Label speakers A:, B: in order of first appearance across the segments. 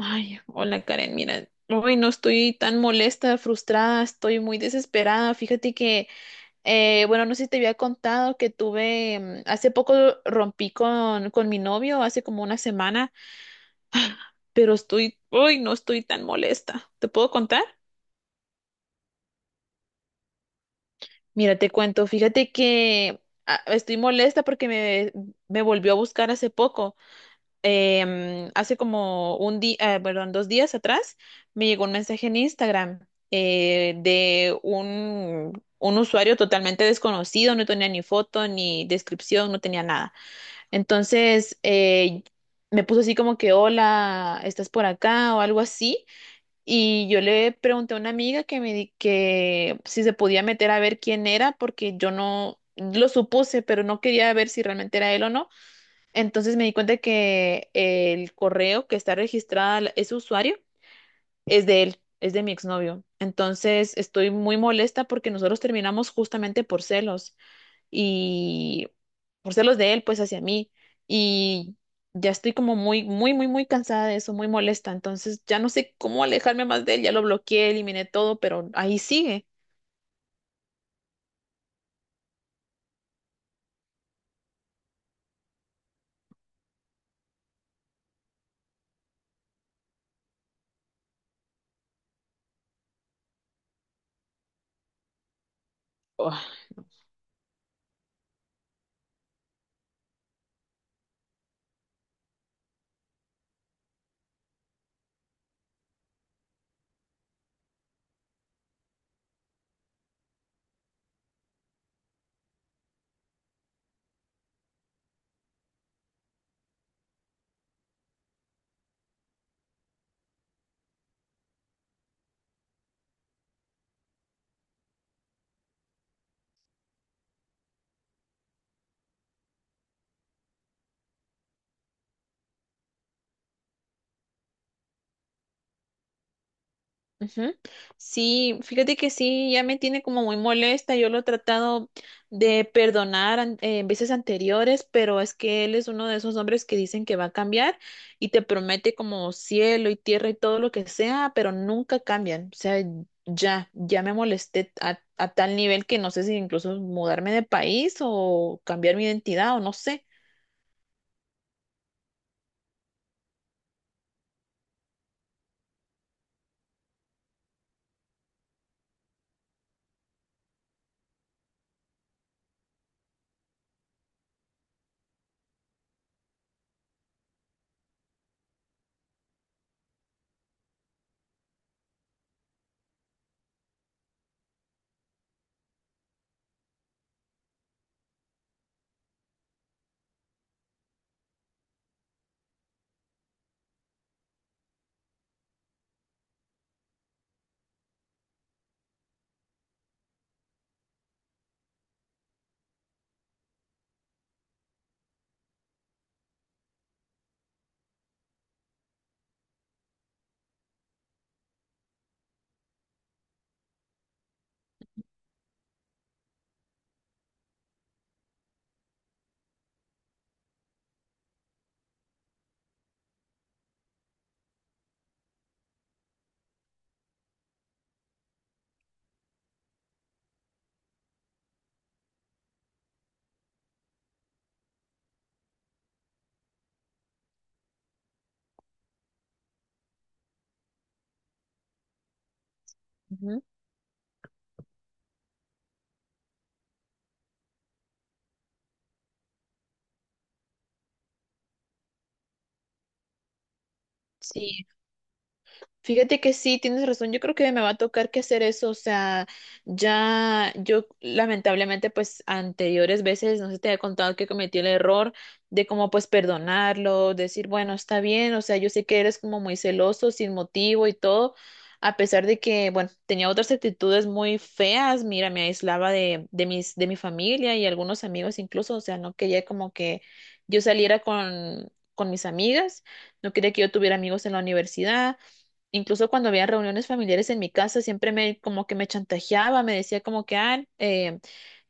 A: Ay, hola Karen, mira, hoy no estoy tan molesta, frustrada, estoy muy desesperada. Fíjate que, bueno, no sé si te había contado que tuve, hace poco rompí con mi novio, hace como una semana, pero estoy, hoy no estoy tan molesta. ¿Te puedo contar? Mira, te cuento, fíjate que estoy molesta porque me volvió a buscar hace poco. Hace como un día, perdón, dos días atrás, me llegó un mensaje en Instagram de un usuario totalmente desconocido, no tenía ni foto, ni descripción, no tenía nada. Entonces, me puso así como que, hola, ¿estás por acá? O algo así. Y yo le pregunté a una amiga que me di que si se podía meter a ver quién era, porque yo no lo supuse, pero no quería ver si realmente era él o no. Entonces me di cuenta que el correo que está registrada ese usuario es de él, es de mi exnovio. Entonces estoy muy molesta porque nosotros terminamos justamente por celos y por celos de él, pues hacia mí. Y ya estoy como muy, muy, muy, muy cansada de eso, muy molesta. Entonces ya no sé cómo alejarme más de él, ya lo bloqueé, eliminé todo, pero ahí sigue. Ujú. Sí, fíjate que sí, ya me tiene como muy molesta. Yo lo he tratado de perdonar veces anteriores, pero es que él es uno de esos hombres que dicen que va a cambiar y te promete como cielo y tierra y todo lo que sea, pero nunca cambian. O sea, ya, ya me molesté a tal nivel que no sé si incluso mudarme de país o cambiar mi identidad o no sé. Ujú. Sí, fíjate que sí, tienes razón. Yo creo que me va a tocar que hacer eso. O sea, ya yo lamentablemente, pues anteriores veces, no sé, te había contado que cometí el error de como pues perdonarlo, decir, bueno, está bien. O sea, yo sé que eres como muy celoso, sin motivo y todo. A pesar de que, bueno, tenía otras actitudes muy feas. Mira, me aislaba de mi familia y algunos amigos incluso. O sea, no quería como que yo saliera con mis amigas. No quería que yo tuviera amigos en la universidad. Incluso cuando había reuniones familiares en mi casa, siempre me como que me chantajeaba, me decía como que,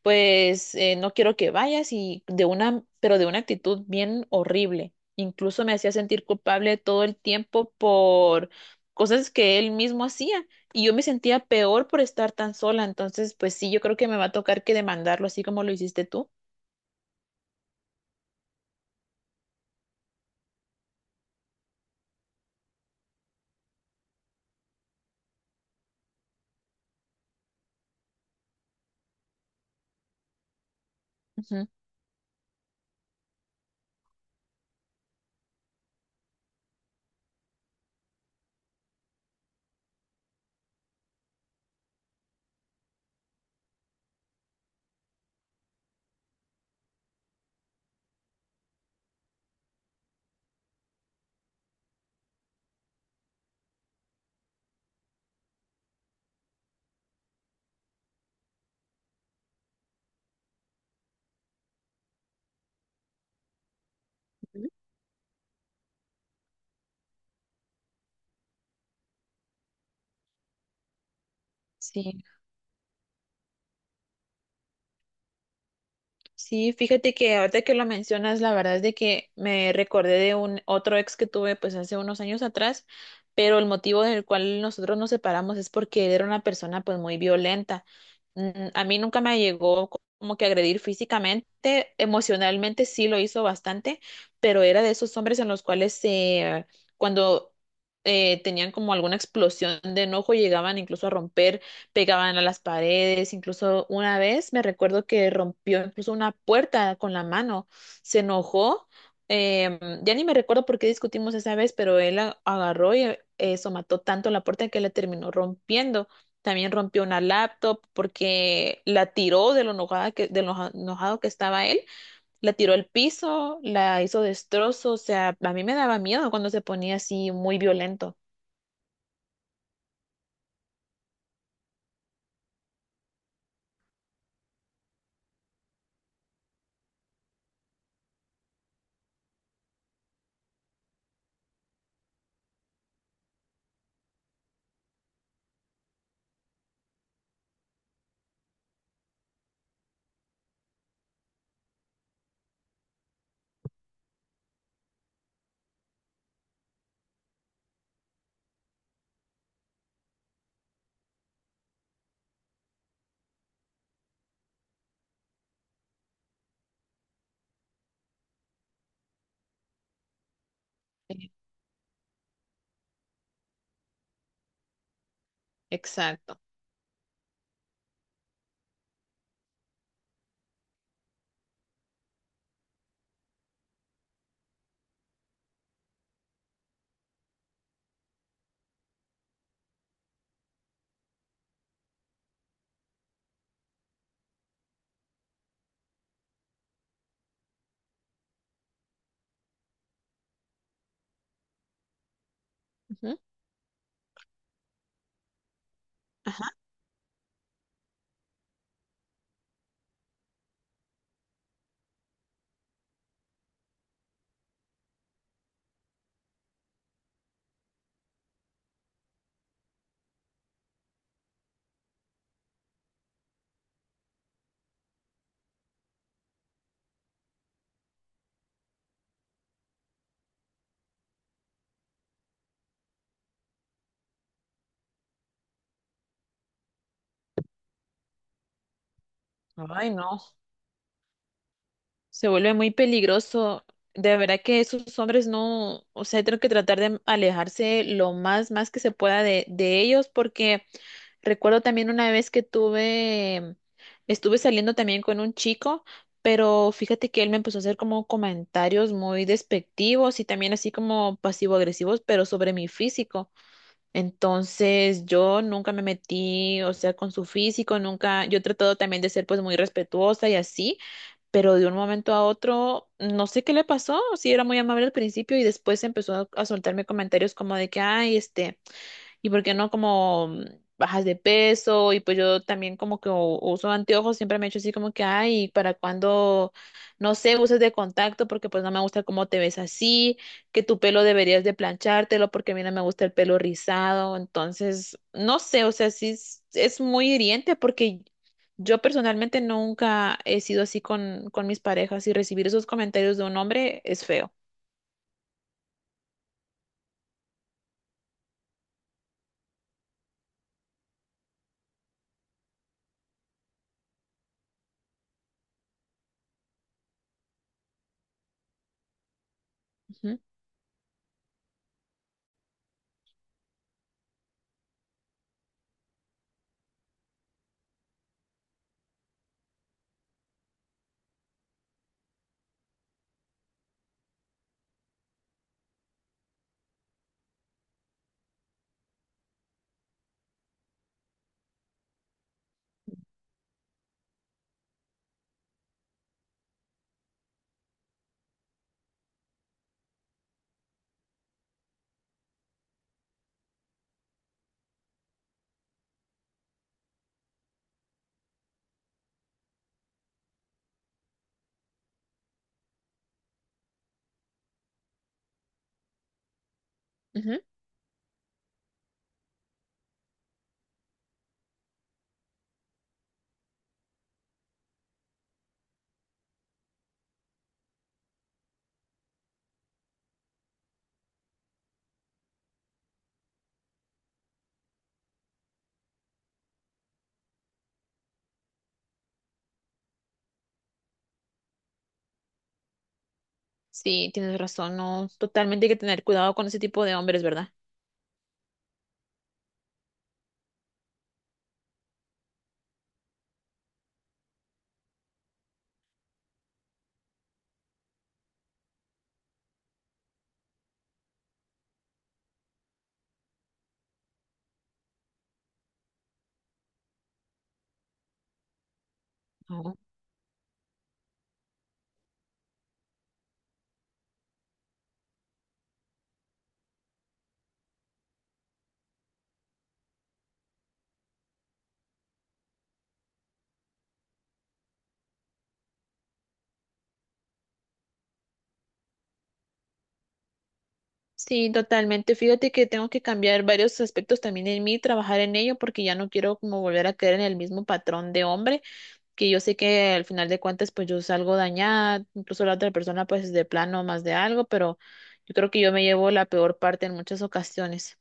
A: pues no quiero que vayas y de una, pero de una actitud bien horrible. Incluso me hacía sentir culpable todo el tiempo por cosas que él mismo hacía y yo me sentía peor por estar tan sola. Entonces, pues sí, yo creo que me va a tocar que demandarlo así como lo hiciste tú. Ujú. Sí. Sí, fíjate que ahorita que lo mencionas, la verdad es de que me recordé de un otro ex que tuve pues hace unos años atrás, pero el motivo del cual nosotros nos separamos es porque él era una persona pues muy violenta. A mí nunca me llegó como que agredir físicamente, emocionalmente sí lo hizo bastante, pero era de esos hombres en los cuales cuando tenían como alguna explosión de enojo llegaban incluso a romper, pegaban a las paredes, incluso una vez me recuerdo que rompió incluso una puerta con la mano, se enojó, em, ya ni me recuerdo por qué discutimos esa vez, pero él agarró y eso mató tanto la puerta que la terminó rompiendo. También rompió una laptop porque la tiró de lo enojada que, de lo enojado que estaba él, la tiró al piso, la hizo destrozo, o sea, a mí me daba miedo cuando se ponía así muy violento. Exacto. Ujú. Ajá. Ay, no. Se vuelve muy peligroso. De verdad que esos hombres no, o sea, tengo que tratar de alejarse lo más, más que se pueda de ellos, porque recuerdo también una vez que tuve, estuve saliendo también con un chico, pero fíjate que él me empezó a hacer como comentarios muy despectivos y también así como pasivo-agresivos, pero sobre mi físico. Entonces, yo nunca me metí, o sea, con su físico, nunca, yo he tratado también de ser pues muy respetuosa y así, pero de un momento a otro, no sé qué le pasó, sí era muy amable al principio y después empezó a soltarme comentarios como de que, ay, este y por qué no como bajas de peso y pues yo también como que uso anteojos, siempre me he hecho así como que, ay, ¿para cuando no sé, uses de contacto porque pues no me gusta cómo te ves así, que tu pelo deberías de planchártelo porque a mí no me gusta el pelo rizado? Entonces, no sé, o sea, sí es muy hiriente porque yo personalmente nunca he sido así con mis parejas y recibir esos comentarios de un hombre es feo. Ujú, ujú. Sí, tienes razón, no, totalmente hay que tener cuidado con ese tipo de hombres, ¿verdad? No. Sí, totalmente. Fíjate que tengo que cambiar varios aspectos también en mí, trabajar en ello, porque ya no quiero como volver a caer en el mismo patrón de hombre, que yo sé que al final de cuentas pues yo salgo dañada, incluso la otra persona pues de plano más de algo, pero yo creo que yo me llevo la peor parte en muchas ocasiones.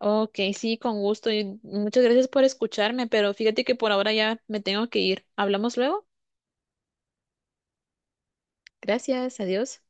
A: Ok, sí, con gusto y muchas gracias por escucharme, pero fíjate que por ahora ya me tengo que ir. ¿Hablamos luego? Gracias, adiós.